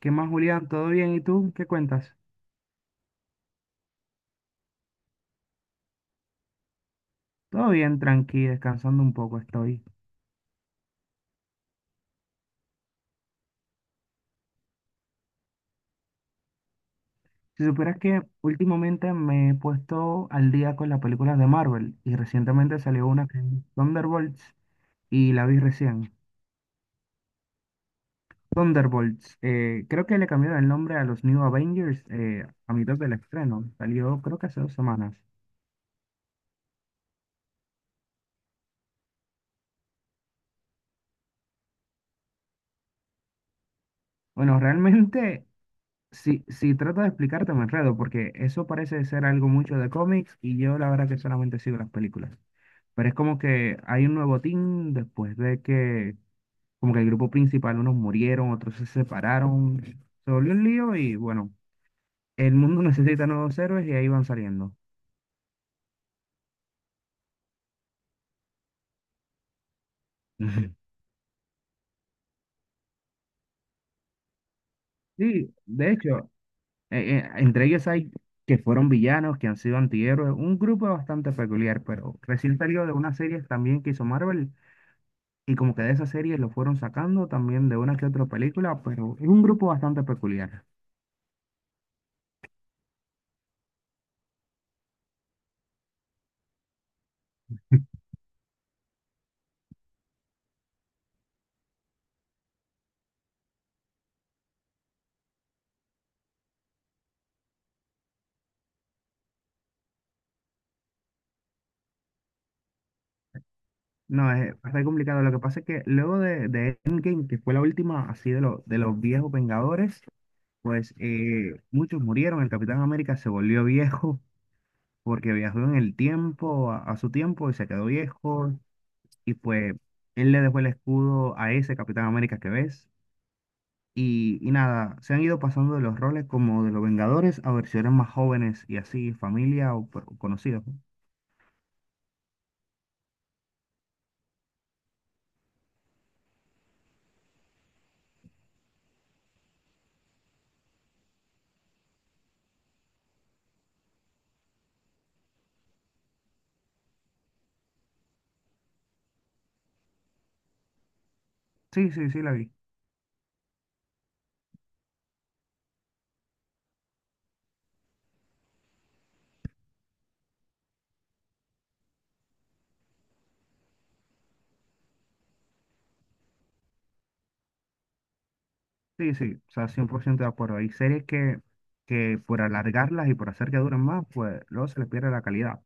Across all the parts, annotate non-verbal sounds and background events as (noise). ¿Qué más, Julián? ¿Todo bien? ¿Y tú? ¿Qué cuentas? Todo bien, tranqui, descansando un poco estoy. Si supieras que últimamente me he puesto al día con las películas de Marvel y recientemente salió una que es Thunderbolts y la vi recién. Thunderbolts, creo que le cambiaron el nombre a los New Avengers a mitad del estreno. Salió creo que hace 2 semanas. Bueno, realmente, si trato de explicarte me enredo porque eso parece ser algo mucho de cómics y yo la verdad que solamente sigo las películas. Pero es como que hay un nuevo team después de que, como que el grupo principal, unos murieron, otros se separaron, se volvió un lío y bueno, el mundo (laughs) necesita nuevos héroes y ahí van saliendo. Ujú. Sí, de hecho, entre ellos hay que fueron villanos, que han sido antihéroes, un grupo bastante peculiar, pero recién salió de unas series también que hizo Marvel y como que de esas series lo fueron sacando también de una que otra película, pero es un grupo bastante peculiar. No, es bastante complicado. Lo que pasa es que luego de Endgame, que fue la última así de, de los viejos Vengadores, pues muchos murieron. El Capitán América se volvió viejo porque viajó en el tiempo, a su tiempo, y se quedó viejo. Y pues él le dejó el escudo a ese Capitán América que ves. Y nada, se han ido pasando de los roles como de los Vengadores a versiones más jóvenes y así, familia o, conocidos. ¿No? Sí, sí, sí, la vi. Sí, sí, o sea, 100% de acuerdo. Hay series que por alargarlas y por hacer que duren más, pues luego se les pierde la calidad.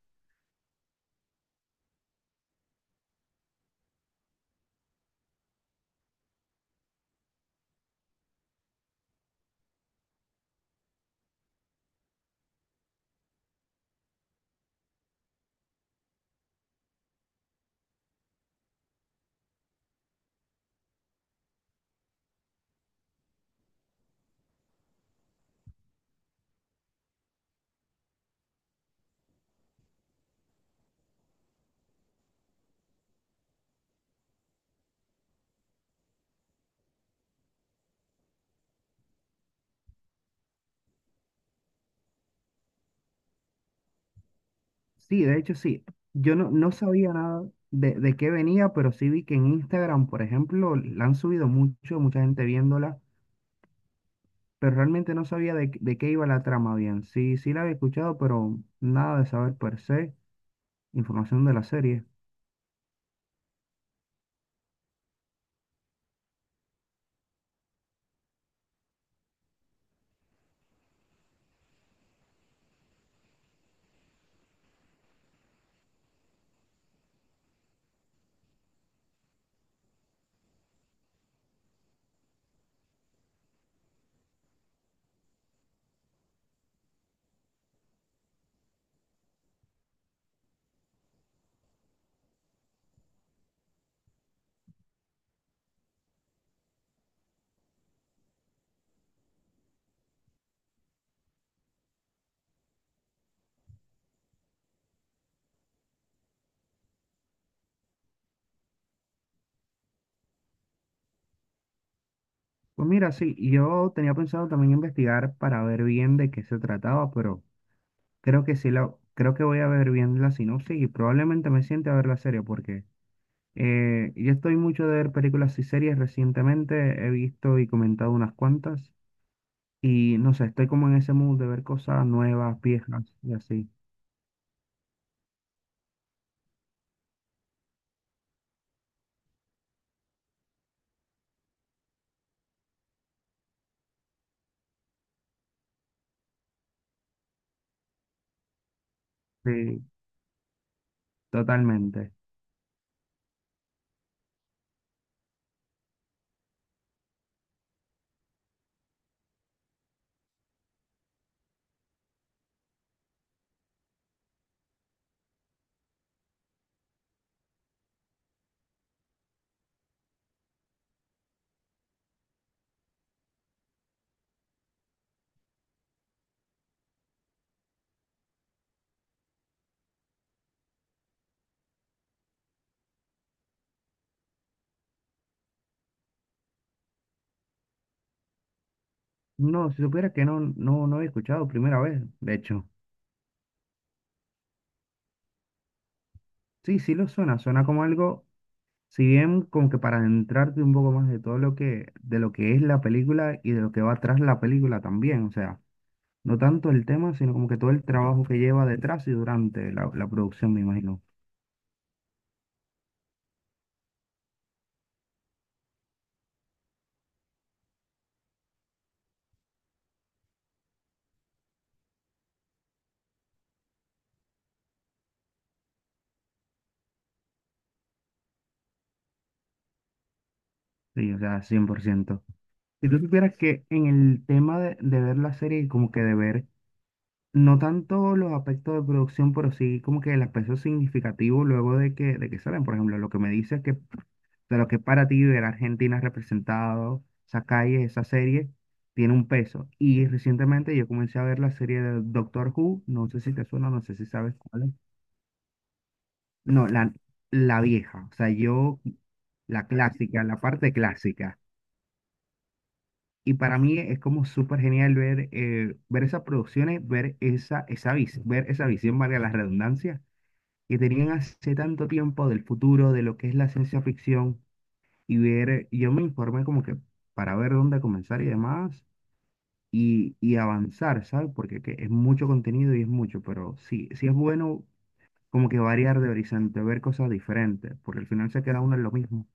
Sí, de hecho sí. Yo no, no sabía nada de, de qué venía, pero sí vi que en Instagram, por ejemplo, la han subido mucho, mucha gente viéndola, pero realmente no sabía de, de qué iba la trama bien. Sí, sí la había escuchado, pero nada de saber per se, información de la serie. Pues mira, sí, yo tenía pensado también investigar para ver bien de qué se trataba, pero... Creo que sí la, creo que voy a ver bien la sinopsis y probablemente me siente a ver la serie porque yo estoy mucho de ver películas y series recientemente, he visto y comentado unas cuantas y no sé, estoy como en ese mood de ver cosas nuevas, viejas y así. Sí, totalmente. No, si supiera que no, no, no he escuchado primera vez, de hecho. Sí, sí lo suena, suena como algo, si bien como que para adentrarte un poco más de todo lo que, de lo que es la película y de lo que va atrás la película también, o sea. No tanto el tema, sino como que todo el trabajo que lleva detrás y durante la, la producción, me imagino. Sí, o sea, cien por ciento. Si tú supieras que en el tema de ver la serie y como que de ver, no tanto los aspectos de producción, pero sí como que el aspecto significativo luego de que salen. Por ejemplo, lo que me dices que de lo que para ti ver a Argentina representado, esa calle, esa serie, tiene un peso. Y recientemente yo comencé a ver la serie de Doctor Who, no sé si te suena, no sé si sabes cuál es. No, la vieja, o sea, yo, la clásica, la parte clásica. Y para mí es como súper genial ver, ver esas producciones, ver esa, esa, ver esa visión, valga la redundancia, que tenían hace tanto tiempo del futuro, de lo que es la ciencia ficción, y ver, yo me informé como que para ver dónde comenzar y demás, y avanzar, ¿sabes? Porque que es mucho contenido y es mucho, pero sí, sí es bueno como que variar de horizonte, ver cosas diferentes, porque al final se queda uno en lo mismo.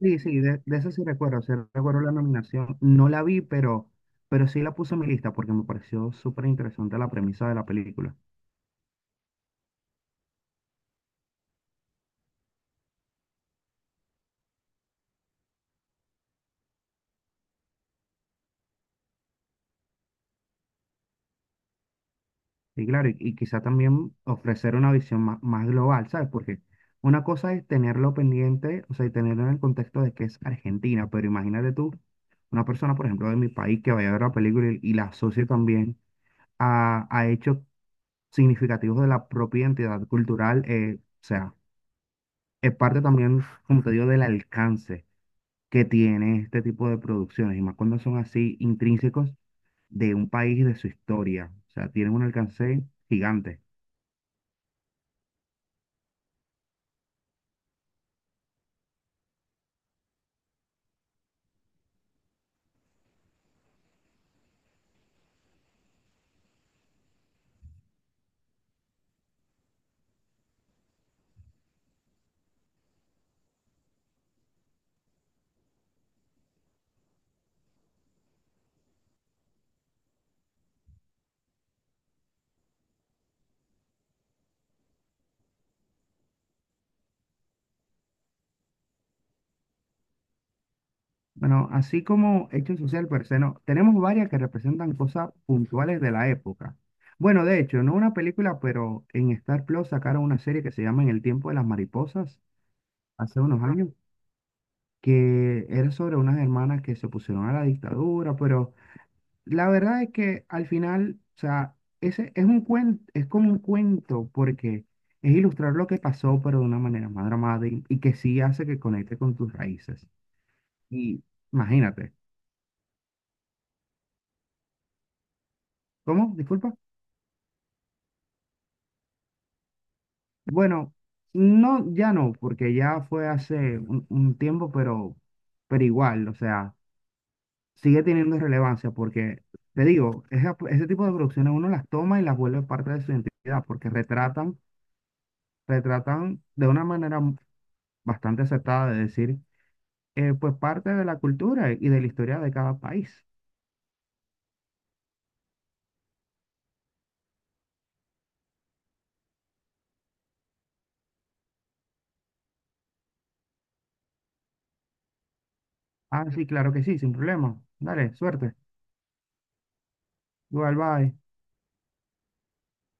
Sí, sí, de eso sí recuerdo la nominación. No la vi, pero sí la puse en mi lista porque me pareció súper interesante la premisa de la película. Y claro, y quizá también ofrecer una visión más, más global, ¿sabes? Porque una cosa es tenerlo pendiente, o sea, y tenerlo en el contexto de que es Argentina, pero imagínate tú, una persona, por ejemplo, de mi país que vaya a ver la película y la asocie también a hechos significativos de la propia identidad cultural, o sea, es parte también, como te digo, del alcance que tiene este tipo de producciones, y más cuando son así intrínsecos de un país y de su historia. O sea, tienen un alcance gigante. Bueno, así como hecho social per se, no, tenemos varias que representan cosas puntuales de la época. Bueno, de hecho, no una película, pero en Star Plus sacaron una serie que se llama En el tiempo de las mariposas, hace unos años, que era sobre unas hermanas que se opusieron a la dictadura, pero la verdad es que al final, o sea, ese es un cuento, es como un cuento porque es ilustrar lo que pasó, pero de una manera más dramática y que sí hace que conecte con tus raíces. Y imagínate, ¿cómo? Disculpa. Bueno, no, ya no, porque ya fue hace un tiempo, pero igual, o sea, sigue teniendo relevancia porque, te digo, ese tipo de producciones uno las toma y las vuelve parte de su identidad porque retratan, retratan de una manera bastante acertada de decir, pues parte de la cultura y de la historia de cada país. Ah, sí, claro que sí, sin problema. Dale, suerte. Igual, bye.